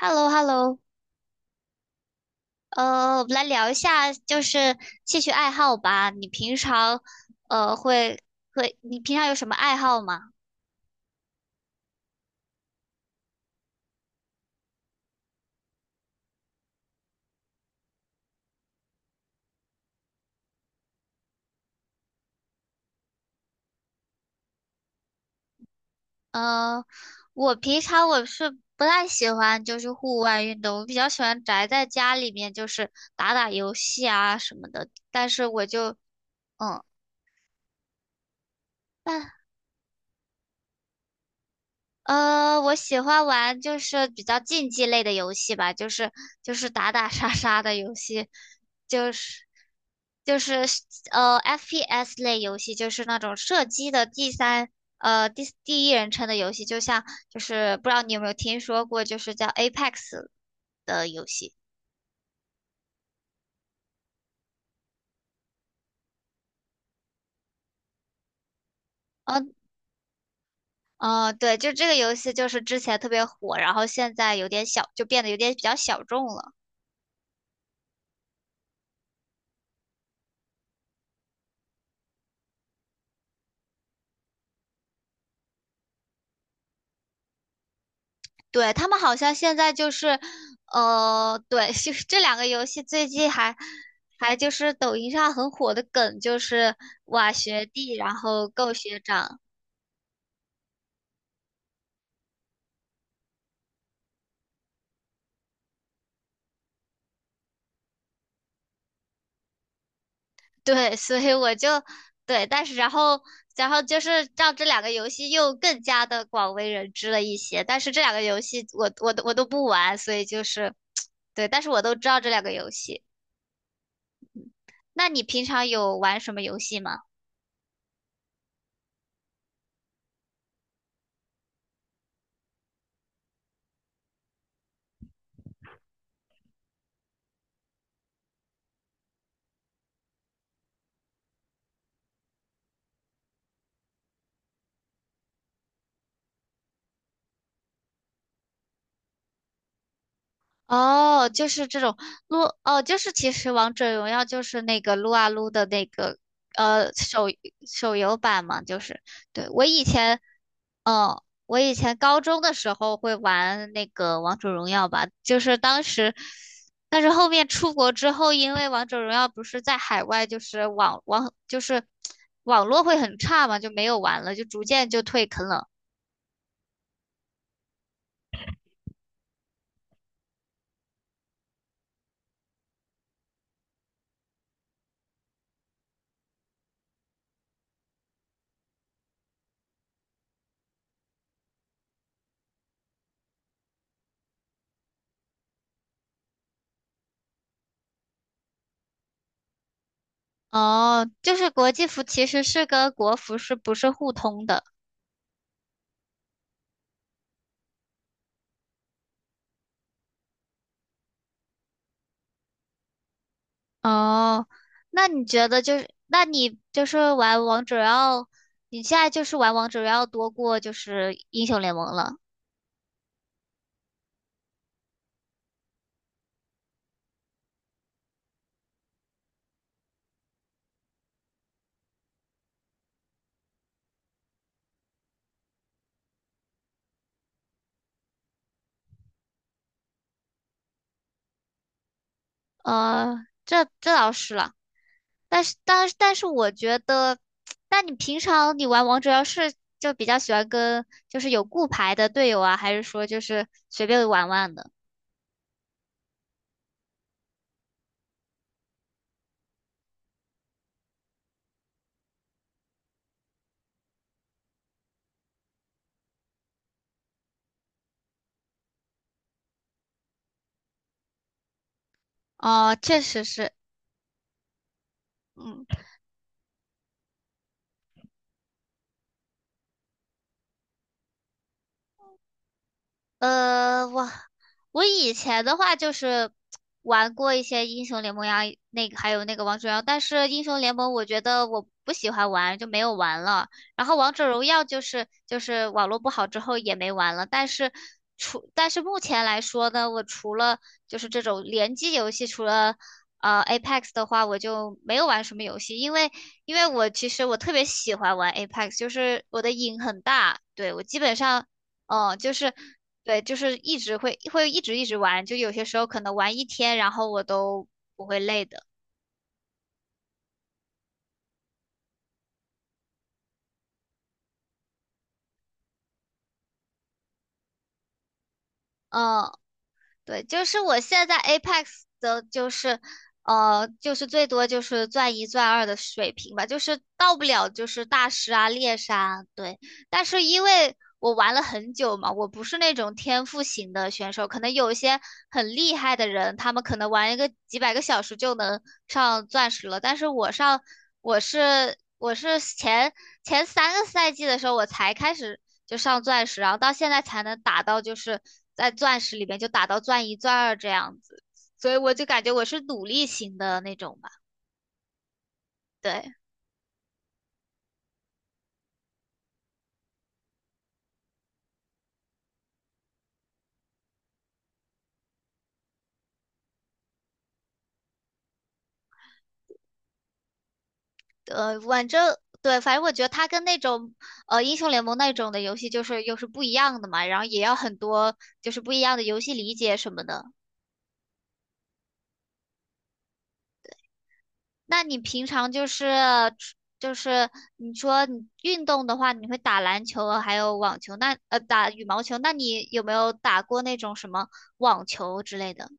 Hello hello 我们来聊一下就是兴趣爱好吧。你平常呃会会，你平常有什么爱好吗？呃，我平常我是不太喜欢就是户外运动，我比较喜欢宅在家里面，就是打打游戏啊什么的。但是我就嗯，那我喜欢玩就是比较竞技类的游戏吧，就是打打杀杀的游戏，就是就是 FPS 类游戏，就是那种射击的第三呃第第一人称的游戏，就像就是不知道你有没有听说过，就是叫 Apex 的游戏。嗯哦，对，就这个游戏就是之前特别火，然后现在有点小，就变得有点比较小众了。对，他们好像现在就是，对，就是这两个游戏最近还就是抖音上很火的梗，就是哇学弟，然后够学长。对，所以我就对，但是然后就是让这两个游戏又更加的广为人知了一些。但是这两个游戏我都不玩，所以就是 对，但是我都知道这两个游戏。那你平常有玩什么游戏吗？哦，就是这种撸哦，就是其实王者荣耀就是那个撸啊撸的那个呃手手游版嘛，就是对我以前高中的时候会玩那个王者荣耀吧，就是当时，但是后面出国之后，因为王者荣耀不是在海外就是网络会很差嘛，就没有玩了，就逐渐就退坑了。哦，就是国际服其实是跟国服是不是互通的？哦，那你觉得就是，那你就是玩王者荣耀，你现在就是玩王者荣耀多过就是英雄联盟了。这倒是了，但是我觉得，那你平常你玩王者荣耀是就比较喜欢跟就是有固排的队友啊，还是说就是随便玩玩的？哦，确实是，嗯。呃，我我以前的话就是玩过一些英雄联盟呀，那个还有那个王者荣耀，但是英雄联盟我觉得我不喜欢玩，就没有玩了。然后王者荣耀就是网络不好之后也没玩了，但是但是目前来说呢，我除了就是这种联机游戏，除了Apex 的话，我就没有玩什么游戏，因为我其实我特别喜欢玩 Apex，就是我的瘾很大，对，我基本上。哦，就是对，就是一直会一直一直玩，就有些时候可能玩一天，然后我都不会累的。嗯，对，就是我现在 Apex 的，就是最多就是钻一钻二的水平吧，就是到不了就是大师啊、猎杀啊对。但是因为我玩了很久嘛，我不是那种天赋型的选手，可能有一些很厉害的人，他们可能玩一个几百个小时就能上钻石了，但是我是前3个赛季的时候我才开始就上钻石，然后到现在才能打到就是在钻石里面就打到钻一钻二这样子，所以我就感觉我是努力型的那种吧，对。反正对，反正我觉得它跟那种英雄联盟那种的游戏就是又是不一样的嘛，然后也要很多就是不一样的游戏理解什么的。那你平常就是你说你运动的话，你会打篮球还有网球，那打羽毛球，那你有没有打过那种什么网球之类的？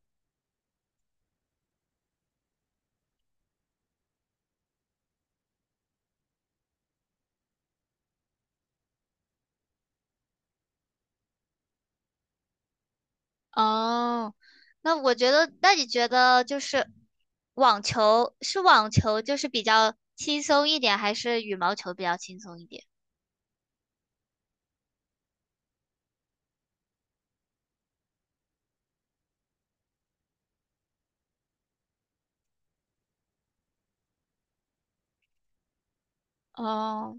哦，那我觉得，那你觉得就是网球是网球就是比较轻松一点，还是羽毛球比较轻松一点？哦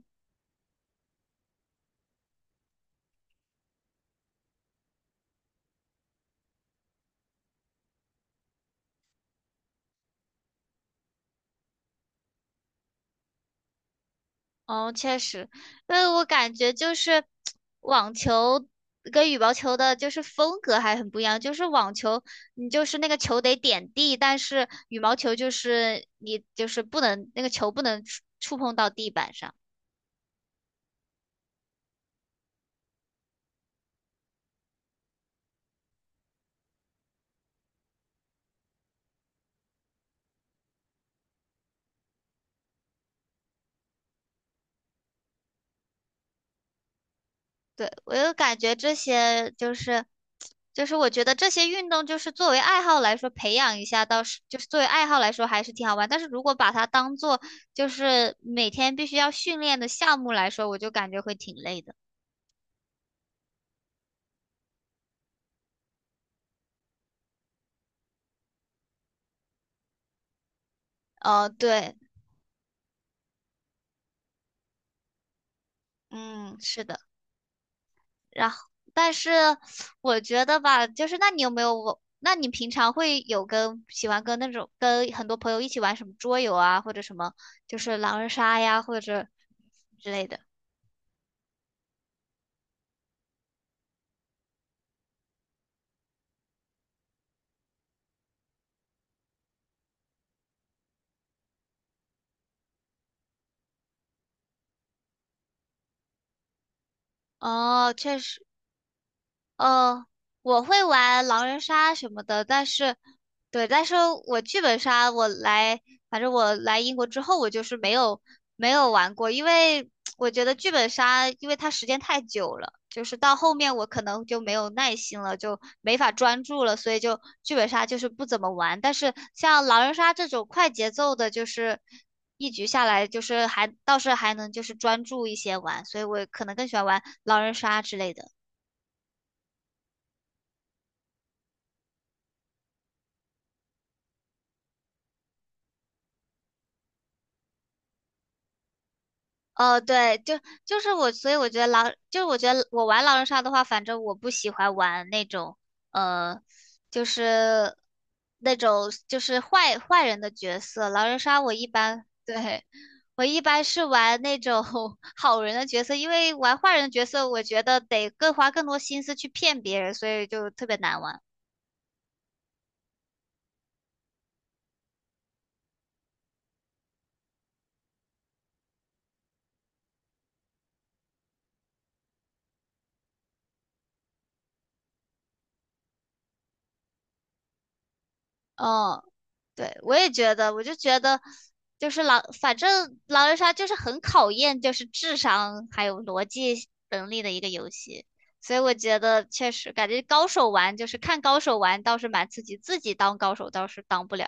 哦，确实，因为我感觉就是网球跟羽毛球的，就是风格还很不一样。就是网球，你就是那个球得点地，但是羽毛球就是你就是不能那个球不能触碰到地板上。对，我就感觉这些就是，就是我觉得这些运动就是作为爱好来说培养一下，倒是就是作为爱好来说还是挺好玩。但是如果把它当做就是每天必须要训练的项目来说，我就感觉会挺累的。哦，对，嗯，是的。然后，但是我觉得吧，就是那你有没有我？那你平常会有跟喜欢跟那种跟很多朋友一起玩什么桌游啊，或者什么就是狼人杀呀，或者之类的？哦，确实。呃，我会玩狼人杀什么的，但是，对，但是我剧本杀我来，反正我来英国之后，我就是没有玩过，因为我觉得剧本杀，因为它时间太久了，就是到后面我可能就没有耐心了，就没法专注了，所以就剧本杀就是不怎么玩。但是像狼人杀这种快节奏的，就是一局下来，就是还倒是还能就是专注一些玩，所以我可能更喜欢玩狼人杀之类的。哦，对，就是我，所以我觉得狼，就是我觉得我玩狼人杀的话，反正我不喜欢玩那种，呃，就是那种就是坏人的角色。狼人杀我一般，对，我一般是玩那种 好人的角色，因为玩坏人的角色，我觉得得更花更多心思去骗别人，所以就特别难玩。嗯。对，我也觉得，我就觉得，就是狼，反正狼人杀就是很考验就是智商还有逻辑能力的一个游戏，所以我觉得确实感觉高手玩就是看高手玩倒是蛮刺激，自己当高手倒是当不了。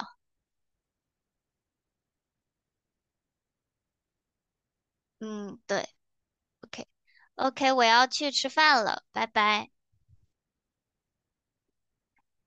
嗯，对，OK，OK，我要去吃饭了，拜拜。